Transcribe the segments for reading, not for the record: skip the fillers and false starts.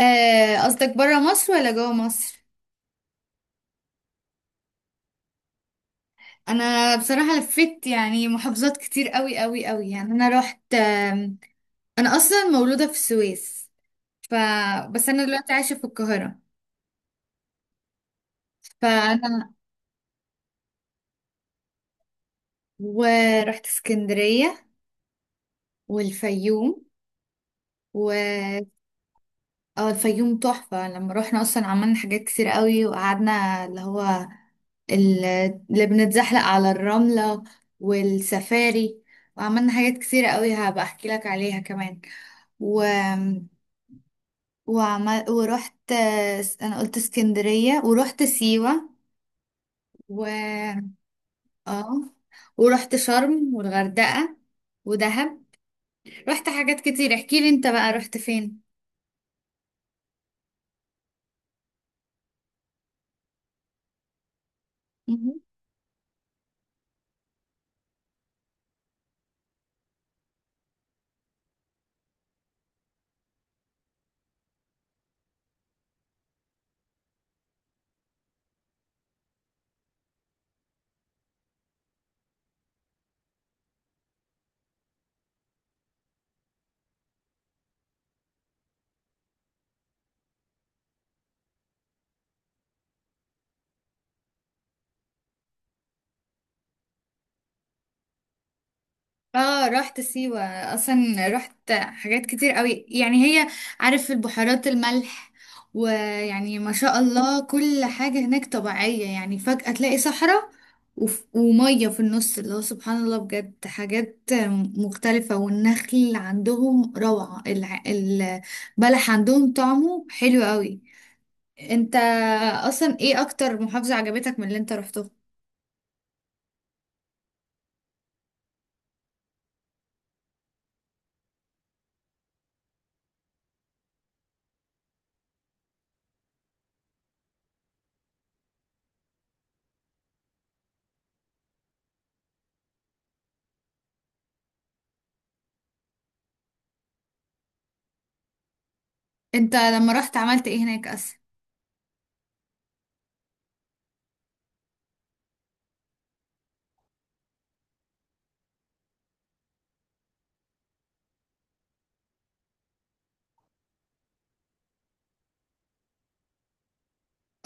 قصدك برا مصر ولا جوا مصر؟ انا بصراحة لفيت يعني محافظات كتير قوي قوي قوي، يعني انا رحت انا اصلا مولودة في السويس. ف بس انا دلوقتي عايشة في القاهرة. فانا ورحت اسكندرية والفيوم و اه، الفيوم تحفة. لما روحنا اصلا عملنا حاجات كتير قوي، وقعدنا اللي هو ال- اللي بنتزحلق على الرملة والسفاري، وعملنا حاجات كتير قوي هبقى احكي لك عليها كمان. و وعمل ورحت انا قلت اسكندرية، ورحت سيوة و اه، ورحت شرم والغردقة ودهب. رحت حاجات كتير. احكي لي انت بقى رحت فين. اه رحت سيوة، اصلا رحت حاجات كتير قوي. يعني هي، عارف البحيرات الملح؟ ويعني ما شاء الله كل حاجة هناك طبيعية، يعني فجأة تلاقي صحراء ومية في النص، اللي هو سبحان الله بجد حاجات مختلفة، والنخل عندهم روعة، البلح عندهم طعمه حلو قوي. انت اصلا ايه اكتر محافظة عجبتك من اللي انت رحته؟ انت لما رحت عملت ايه هناك اصلا؟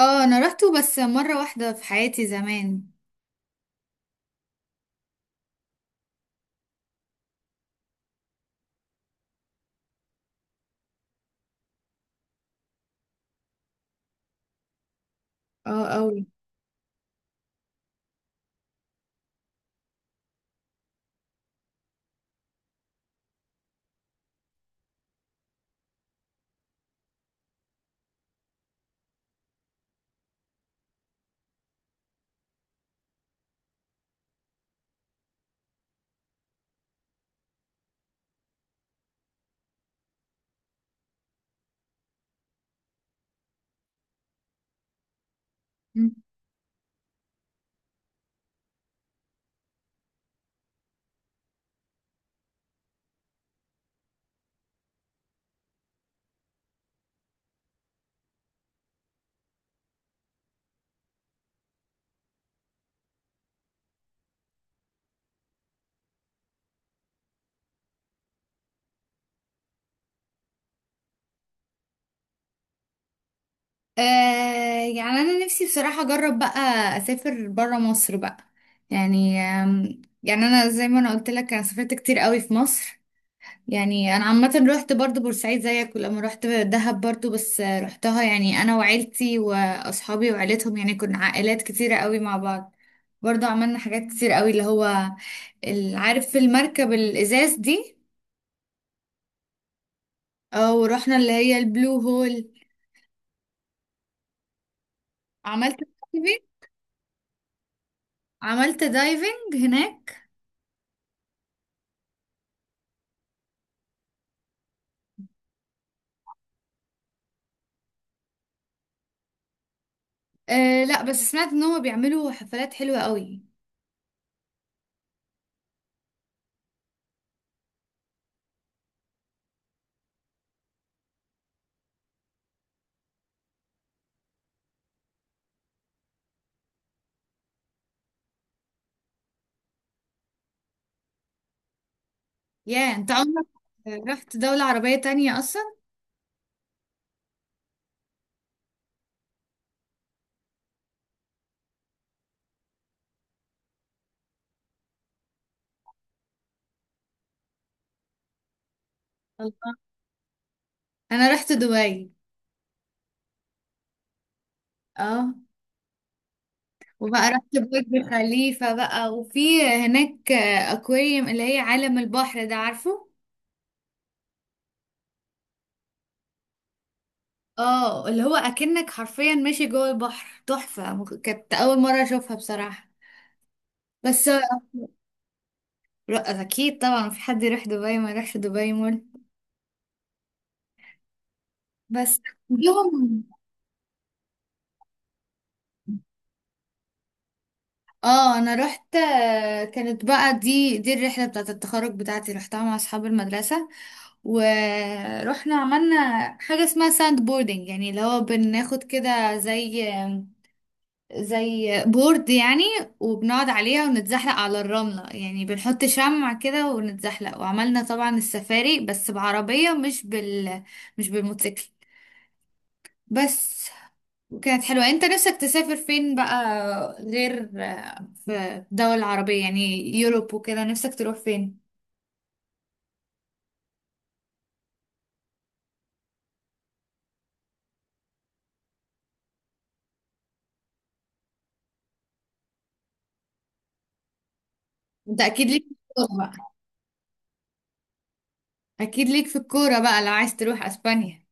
اه انا رحته بس مرة واحدة في حياتي زمان. اه قوي. مم. آه، يعني انا نفسي بصراحة اجرب بقى اسافر برا مصر بقى. يعني يعني انا زي ما انا قلت لك انا سافرت كتير قوي في مصر. يعني انا عامة رحت برضو بورسعيد زيك، ولما رحت دهب برضو، بس رحتها يعني انا وعيلتي واصحابي وعيلتهم، يعني كنا عائلات كتيرة قوي مع بعض. برضو عملنا حاجات كتير قوي، اللي هو عارف المركب الازاز دي؟ اه، ورحنا اللي هي البلو هول، عملت دايفنج، عملت دايفنج هناك. آه لا، بس سمعت ان هما بيعملوا حفلات حلوة قوي. يا انت عمرك رحت دولة عربية تانية اصلا؟ الله، انا رحت دبي. اه، وبقى رحت برج خليفة بقى، وفي هناك اكواريوم اللي هي عالم البحر ده، عارفه؟ اه اللي هو اكنك حرفيا ماشي جوه البحر، تحفة، كانت اول مرة اشوفها بصراحة. بس ر- اكيد طبعا في حد يروح دبي ما يروحش دبي مول. بس يوم، اه انا رحت كانت بقى دي الرحله بتاعه التخرج بتاعتي، رحتها مع اصحاب المدرسه، ورحنا عملنا حاجه اسمها ساند بوردنج، يعني اللي هو بناخد كده زي زي بورد يعني، وبنقعد عليها ونتزحلق على الرمله، يعني بنحط شمع كده ونتزحلق، وعملنا طبعا السفاري بس بعربيه مش مش بالموتوسيكل. بس كانت حلوة. انت نفسك تسافر فين بقى غير في الدول العربية، يعني يوروب وكده، نفسك تروح فين؟ انت اكيد ليك في الكورة بقى. اكيد ليك في الكورة بقى لو عايز تروح اسبانيا.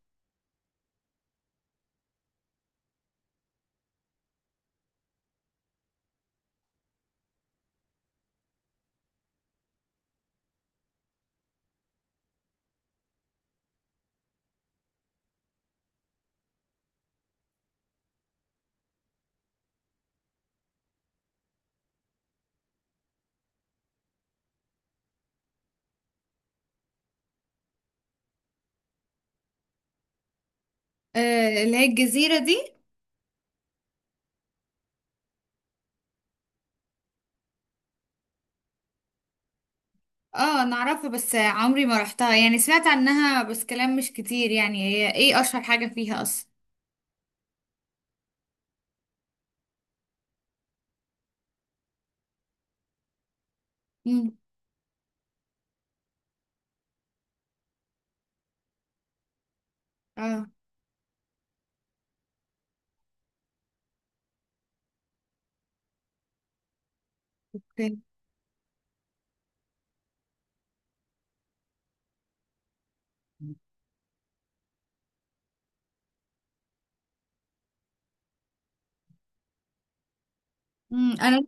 آه اللي هي الجزيرة دي. اه انا اعرفها بس عمري ما رحتها، يعني سمعت عنها بس كلام مش كتير، يعني هي ايه اشهر حاجة فيها اصلا؟ امم، اه. اوكي. مم، انا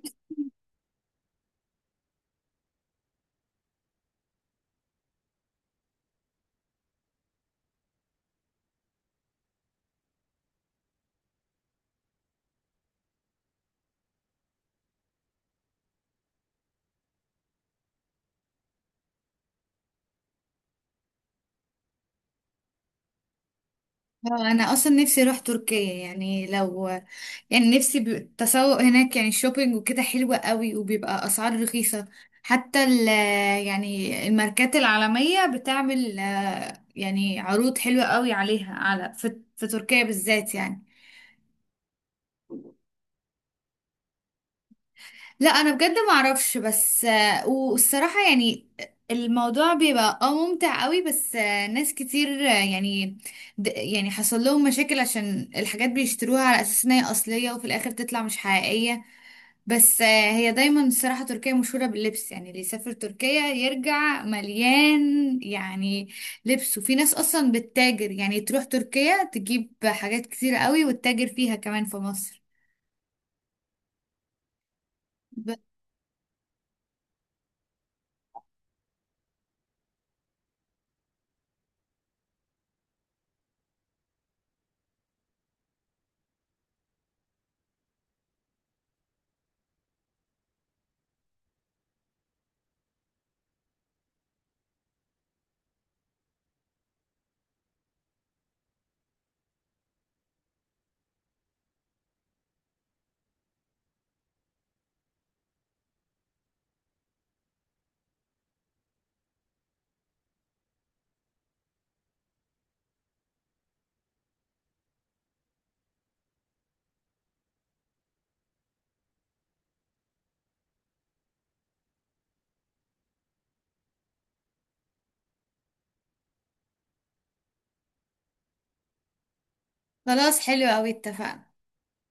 اه انا اصلا نفسي اروح تركيا. يعني لو يعني نفسي التسوق هناك، يعني الشوبينج وكده حلوة قوي، وبيبقى اسعار رخيصة، حتى يعني الماركات العالمية بتعمل يعني عروض حلوة قوي عليها، على في تركيا بالذات يعني. لا انا بجد ما اعرفش، بس والصراحه يعني الموضوع بيبقى اه ممتع قوي، بس ناس كتير، يعني يعني حصل لهم مشاكل عشان الحاجات بيشتروها على اساس ان هي اصليه وفي الاخر تطلع مش حقيقيه. بس هي دايما الصراحه تركيا مشهوره باللبس، يعني اللي يسافر تركيا يرجع مليان يعني لبس، وفي ناس اصلا بتتاجر، يعني تروح تركيا تجيب حاجات كتير قوي وتتاجر فيها كمان في مصر. ب- خلاص حلو قوي، اتفقنا.